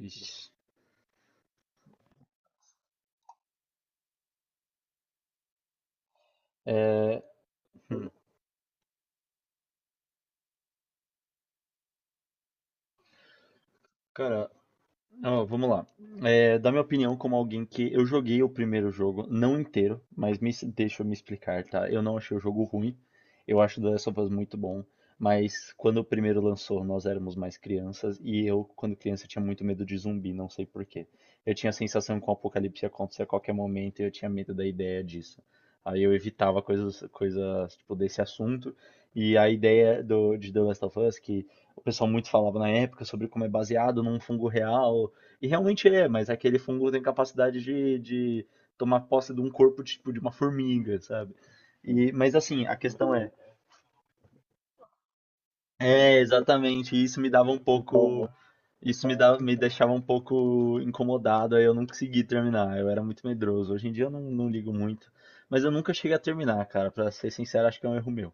Vixe. É, hum, cara, Ó, vamos lá. É, da minha opinião, como alguém que eu joguei o primeiro jogo, não inteiro, mas deixa eu me explicar, tá? Eu não achei o jogo ruim. Eu acho The Last of Us muito bom. Mas quando o primeiro lançou, nós éramos mais crianças. E eu, quando criança, tinha muito medo de zumbi, não sei por quê. Eu tinha a sensação que o apocalipse ia acontecer a qualquer momento e eu tinha medo da ideia disso. Aí eu evitava coisas tipo, desse assunto. E a ideia de The Last of Us, que o pessoal muito falava na época sobre como é baseado num fungo real e realmente é, mas é aquele fungo tem capacidade de tomar posse de um corpo tipo de uma formiga, sabe? E, mas assim, a questão é, é exatamente, isso me dava um pouco, isso me dava, me deixava um pouco incomodado, aí eu não consegui terminar, eu era muito medroso. Hoje em dia eu não, não ligo muito, mas eu nunca cheguei a terminar, cara, pra ser sincero, acho que é um erro meu.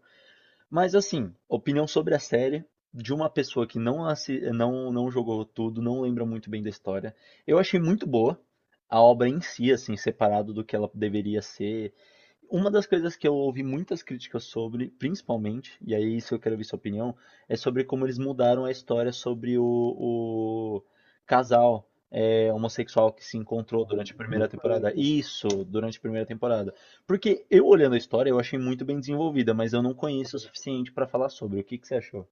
Mas assim, opinião sobre a série de uma pessoa que não, não jogou tudo, não lembra muito bem da história. Eu achei muito boa a obra em si, assim, separado do que ela deveria ser uma das coisas que eu ouvi muitas críticas sobre, principalmente, e aí isso eu quero ver sua opinião, é sobre como eles mudaram a história sobre o casal é, homossexual que se encontrou durante a primeira temporada. Isso, durante a primeira temporada. Porque eu olhando a história, eu achei muito bem desenvolvida, mas eu não conheço o suficiente pra falar sobre. O que que você achou?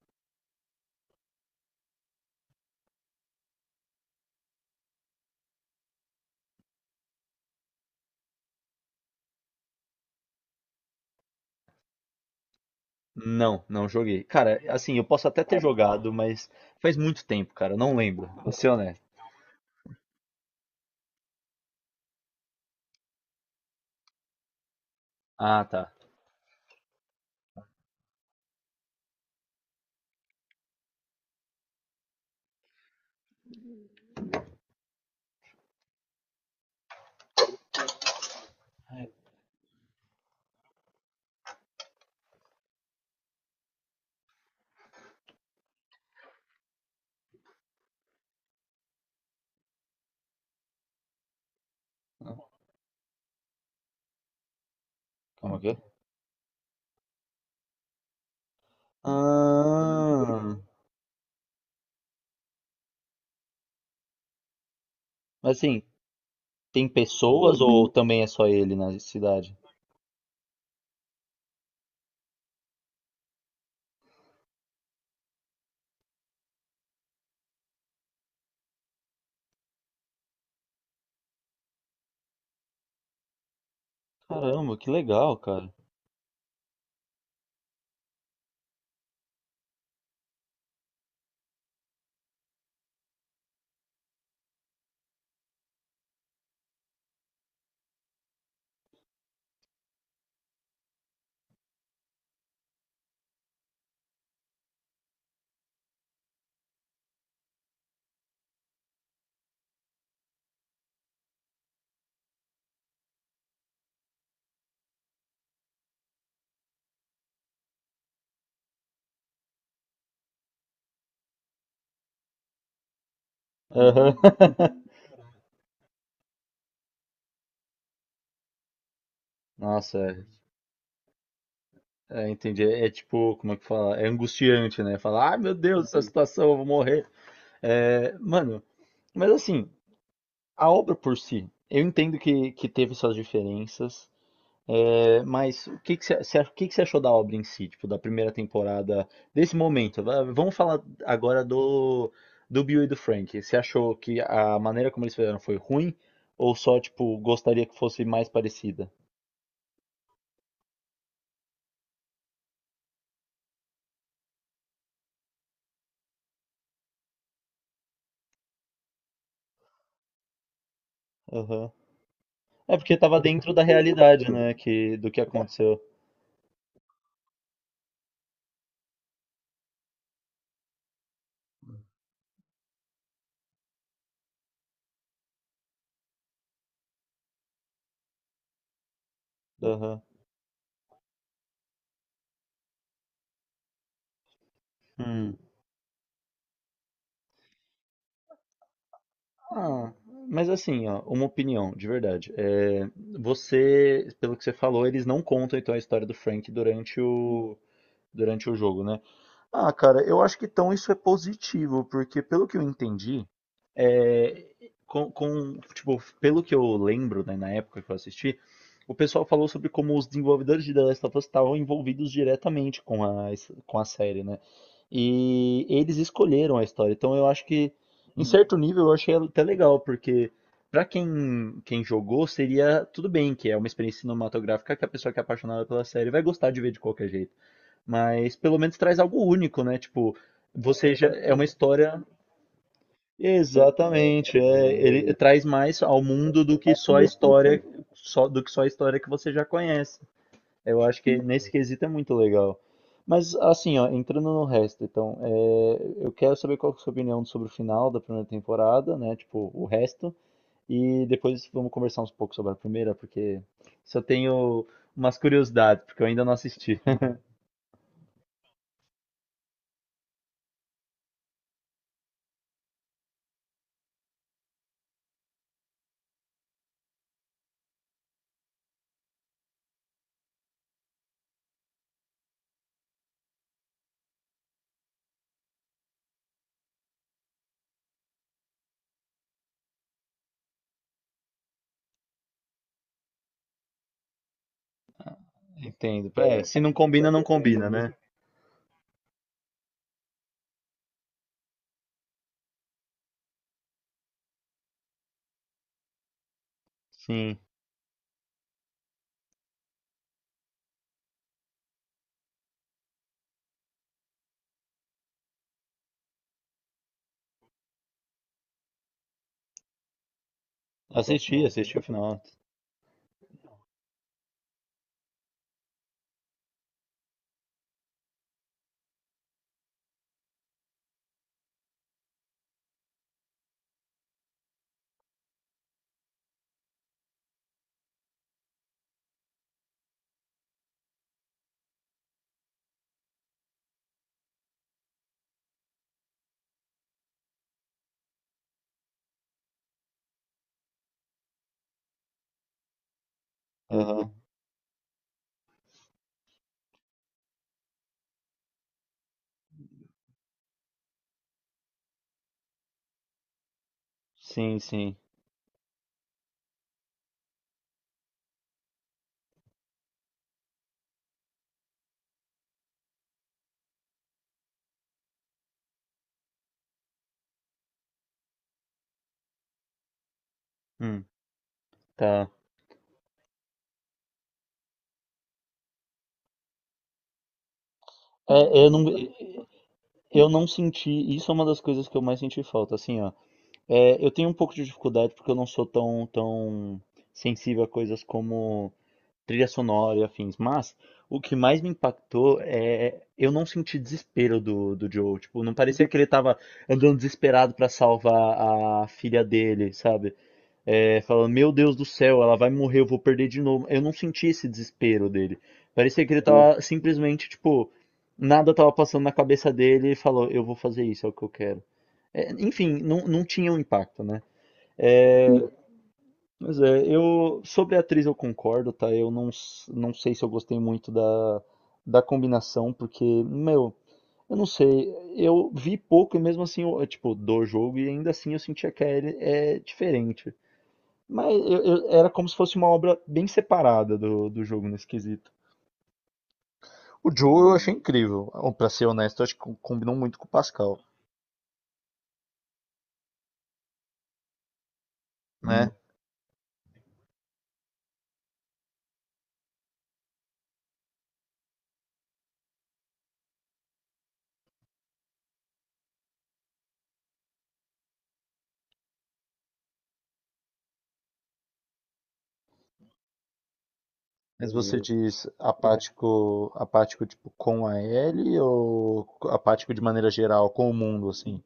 Não, não joguei. Cara, assim, eu posso até ter jogado, mas faz muito tempo, cara, eu não lembro. Vou ser honesto. Ah, tá. Como é que é? Ah, Mas assim, tem pessoas ou também é só ele na cidade? Caramba, que legal, cara. Aham. Nossa, é, é, entendi. É, é tipo, como é que fala? É angustiante, né? Falar, ai meu Deus, essa situação, eu vou morrer. É, mano, mas assim, a obra por si, eu entendo que teve suas diferenças. É, mas o que que você o que que você achou da obra em si, tipo, da primeira temporada, desse momento? Vamos falar agora do Bill e do Frank. Você achou que a maneira como eles fizeram foi ruim? Ou só, tipo, gostaria que fosse mais parecida? Aham. É porque tava dentro da realidade, né, que, do que aconteceu. Aham. Hum. Ah, mas assim, ó, uma opinião, de verdade. É, você, pelo que você falou, eles não contam então a história do Frank durante durante o jogo, né? Ah, cara, eu acho que então isso é positivo, porque pelo que eu entendi, é, com, tipo, pelo que eu lembro, né, na época que eu assisti, o pessoal falou sobre como os desenvolvedores de The Last of Us estavam envolvidos diretamente com com a série, né? E eles escolheram a história. Então eu acho que, em certo nível, eu achei até legal, porque pra quem jogou, seria tudo bem, que é uma experiência cinematográfica que a pessoa que é apaixonada pela série vai gostar de ver de qualquer jeito. Mas pelo menos traz algo único, né? Tipo, você já é uma história. Exatamente, é, ele traz mais ao mundo do que só a história, só a história que você já conhece. Eu acho que nesse quesito é muito legal. Mas assim, ó, entrando no resto, então, é, eu quero saber qual que é a sua opinião sobre o final da primeira temporada, né? Tipo, o resto. E depois vamos conversar uns pouco sobre a primeira, porque se eu tenho umas curiosidades, porque eu ainda não assisti. Entendo. É, se não combina, não combina, né? Sim. Assisti, assisti o final. Sim, sim. Hum, tá. É, eu não, eu não senti. Isso é uma das coisas que eu mais senti falta. Assim, ó. É, eu tenho um pouco de dificuldade porque eu não sou tão sensível a coisas como trilha sonora e afins. Mas o que mais me impactou é eu não senti desespero do Joe. Tipo, não parecia que ele tava andando desesperado pra salvar a filha dele, sabe? É, falando: Meu Deus do céu, ela vai morrer, eu vou perder de novo. Eu não senti esse desespero dele. Parecia que ele tava simplesmente, tipo, nada tava passando na cabeça dele e falou: Eu vou fazer isso, é o que eu quero. É, enfim, não, não tinha um impacto, né? Mas é, eu. Sobre a atriz eu concordo, tá? Eu não, s- não sei se eu gostei muito da combinação, porque, meu, eu não sei. Eu vi pouco e mesmo assim, eu, tipo, do jogo e ainda assim eu sentia que a Ellie é diferente. Mas era como se fosse uma obra bem separada do jogo nesse quesito. O Joe eu achei incrível. Ou, pra ser honesto, eu acho que combinou muito com o Pascal, né? Mas diz apático, apático tipo com a Ellie ou apático de maneira geral, com o mundo, assim?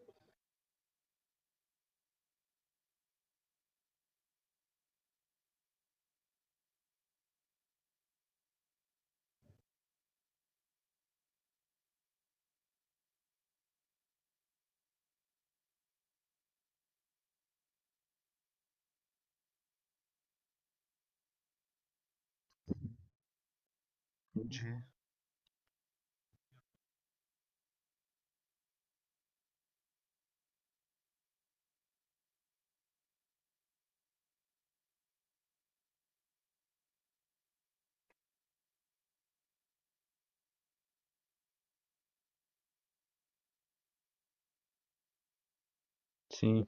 Sim.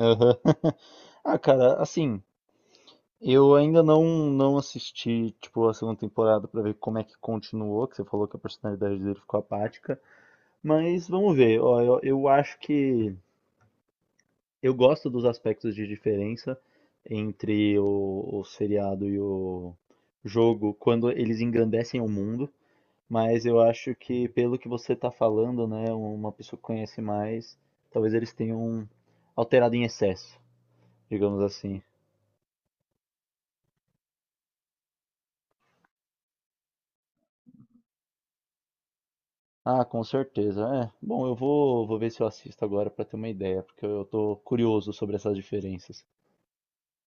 Aham. Ah, cara, assim, eu ainda não assisti, tipo, a segunda temporada pra ver como é que continuou, que você falou que a personalidade dele ficou apática, mas vamos ver. Ó, eu acho que eu gosto dos aspectos de diferença entre o seriado e o jogo quando eles engrandecem o mundo, mas eu acho que pelo que você está falando, né, uma pessoa que conhece mais, talvez eles tenham alterado em excesso, digamos assim. Ah, com certeza. É. Bom, vou ver se eu assisto agora para ter uma ideia, porque eu tô curioso sobre essas diferenças.